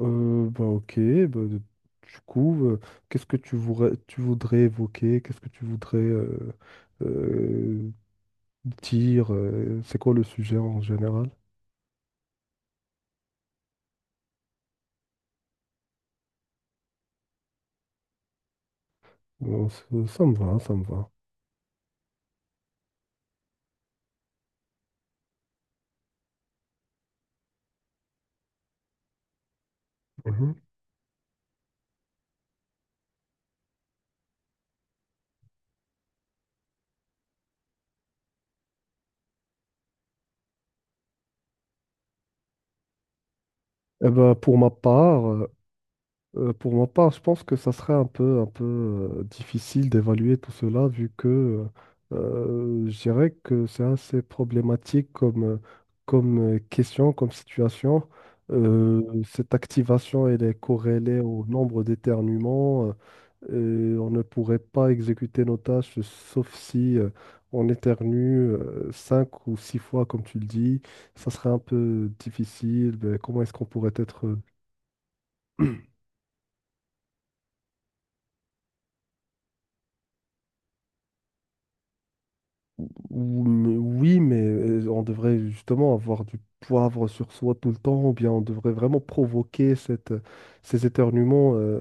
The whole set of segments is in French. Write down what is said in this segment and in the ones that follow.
Ok, bah, du coup, euh, qu'est-ce que tu voudrais évoquer? Qu'est-ce que tu voudrais euh, dire? C'est quoi le sujet en général? Bon, ça me va, ça me va. Mhm. Eh ben, pour ma part, je pense que ça serait un peu difficile d'évaluer tout cela, vu que euh, je dirais que c'est assez problématique comme, question, comme situation. Cette activation, elle est corrélée au nombre d'éternuements. Et on ne pourrait pas exécuter nos tâches, sauf si on éternue cinq ou six fois, comme tu le dis. Ça serait un peu difficile. Mais comment est-ce qu'on pourrait être… Oui, mais on devrait justement avoir du poivre sur soi tout le temps, ou bien on devrait vraiment provoquer ces éternuements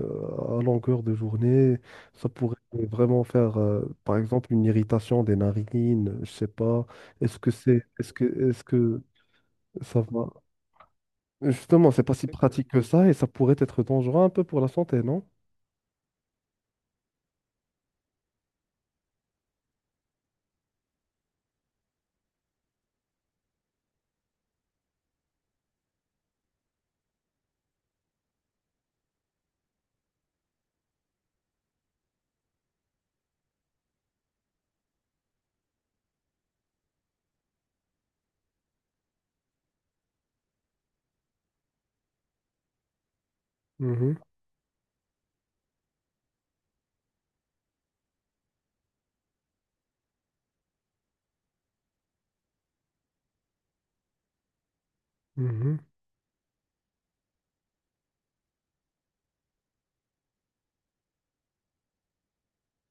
à longueur de journée. Ça pourrait vraiment faire, par exemple, une irritation des narines, je sais pas. Est-ce que ça va? Justement, c'est pas si pratique que ça, et ça pourrait être dangereux un peu pour la santé, non? Mhm, mhm.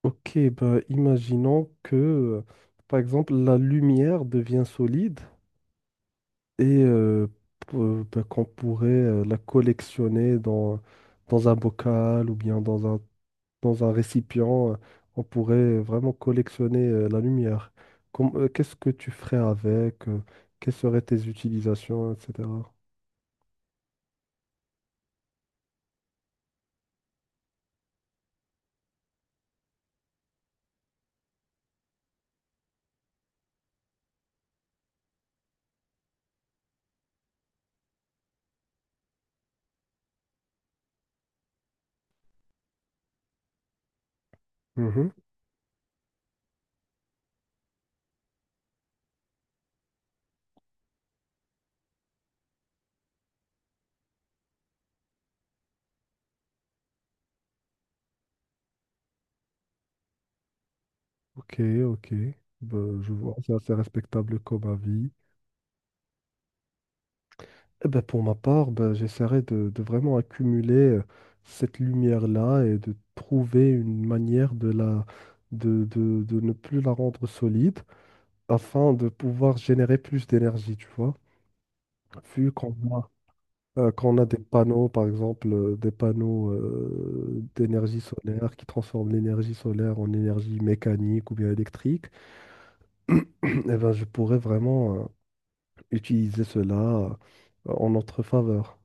Ok, bah, imaginons que, par exemple, la lumière devient solide et ben, qu'on pourrait la collectionner dans un bocal ou bien dans un récipient. On pourrait vraiment collectionner la lumière. Qu'est-ce que tu ferais avec? Quelles seraient tes utilisations, etc. Mhm. Ok, ok. Ben, je vois, c'est assez respectable comme avis. Eh ben, pour ma part, ben, j'essaierai de vraiment accumuler cette lumière-là et de trouver une manière de de ne plus la rendre solide afin de pouvoir générer plus d'énergie, tu vois. Vu qu'on a, Qu'on a des panneaux, par exemple, des panneaux d'énergie solaire qui transforment l'énergie solaire en énergie mécanique ou bien électrique, eh ben, je pourrais vraiment utiliser cela euh, en notre faveur.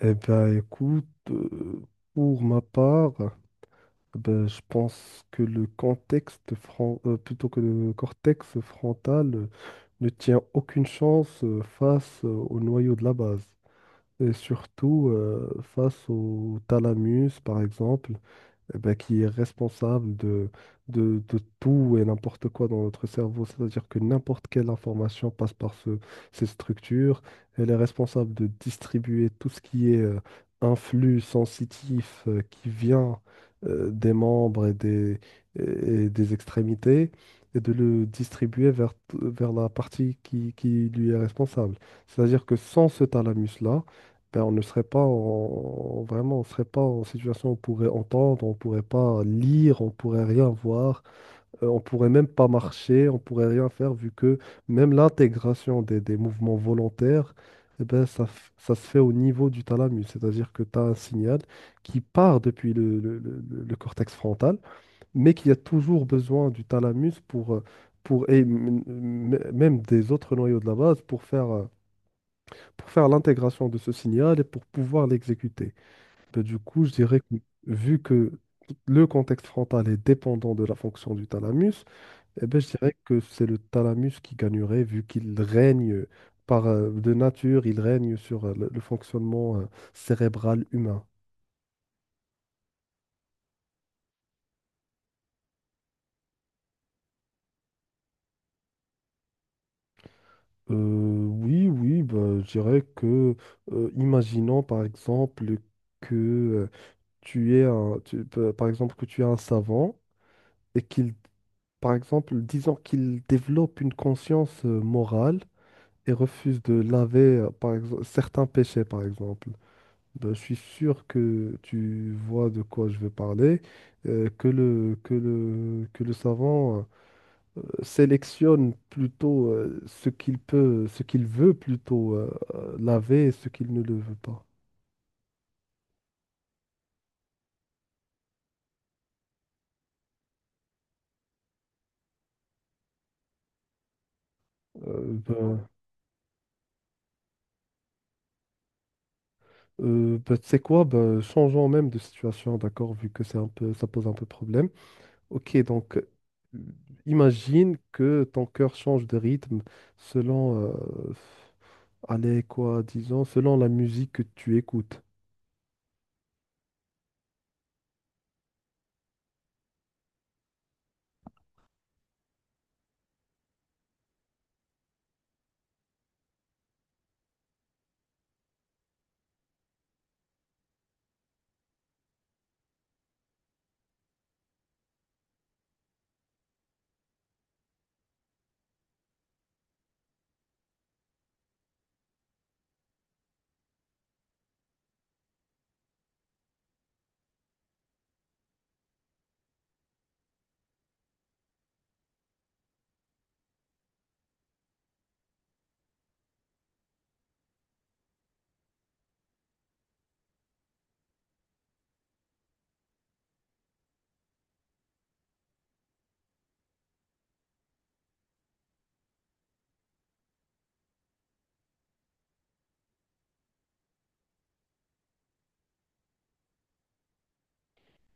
Eh bien, écoute, euh, pour ma part, ben, je pense que plutôt que le cortex frontal ne tient aucune chance face au noyau de la base, et surtout face au thalamus, par exemple, eh ben, qui est responsable de tout et n'importe quoi dans notre cerveau. C'est-à-dire que n'importe quelle information passe par ces structures. Elle est responsable de distribuer tout ce qui est un sensitif qui vient des membres et des extrémités et de le distribuer vers la partie qui lui est responsable. C'est-à-dire que sans ce thalamus-là, ben, on ne serait pas en- vraiment, on serait pas en situation où on pourrait entendre, on pourrait pas lire, on pourrait rien voir, on pourrait même pas marcher, on pourrait rien faire vu que même l'intégration des mouvements volontaires, eh ben, ça se fait au niveau du thalamus, c'est-à-dire que tu as un signal qui part depuis le cortex frontal, mais qui a toujours besoin du thalamus pour et même des autres noyaux de la base pour faire l'intégration de ce signal et pour pouvoir l'exécuter. Ben, du coup, je dirais que vu que le contexte frontal est dépendant de la fonction du thalamus, eh ben, je dirais que c'est le thalamus qui gagnerait vu qu'il règne par de nature, il règne sur le fonctionnement cérébral humain. Euh, oui, oui, ben, je dirais que, imaginons par exemple que tu es un, tu- pa- par exemple que tu es un savant et qu'il… Par exemple, disons qu'ils développent une conscience morale et refusent de laver, par exemple, certains péchés, par exemple. Ben, je suis sûr que tu vois de quoi je veux parler, que le savant sélectionne plutôt ce qu'il veut plutôt laver et ce qu'il ne le veut pas. Euh, ben, ben, tu sais quoi, ben, changeons même de situation, d'accord, vu que c'est un peu, ça pose un peu problème. Ok, donc imagine que ton cœur change de rythme selon, allez, quoi, disons, selon la musique que tu écoutes.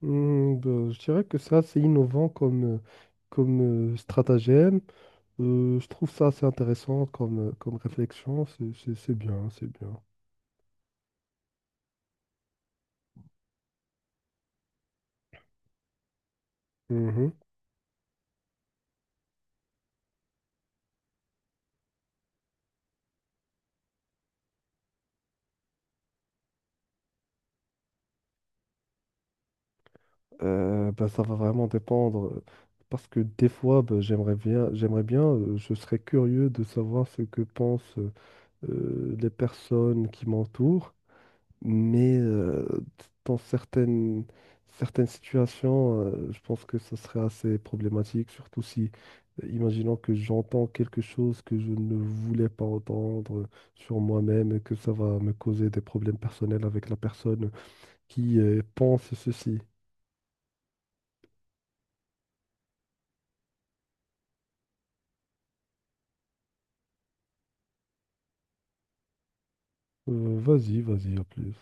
Hmm, ben, je dirais que ça, c'est innovant comme, stratagème. Je trouve ça assez intéressant comme, comme réflexion. C'est bien, c'est bien. Mhm. Ben, ça va vraiment dépendre. Parce que des fois, ben, j'aimerais bien, je serais curieux de savoir ce que pense. Les personnes qui m'entourent, mais dans certaines situations, je pense que ce serait assez problématique, surtout si, imaginons que j'entends quelque chose que je ne voulais pas entendre sur moi-même et que ça va me causer des problèmes personnels avec la personne qui pense ceci. Vas-y, vas-y, à plus.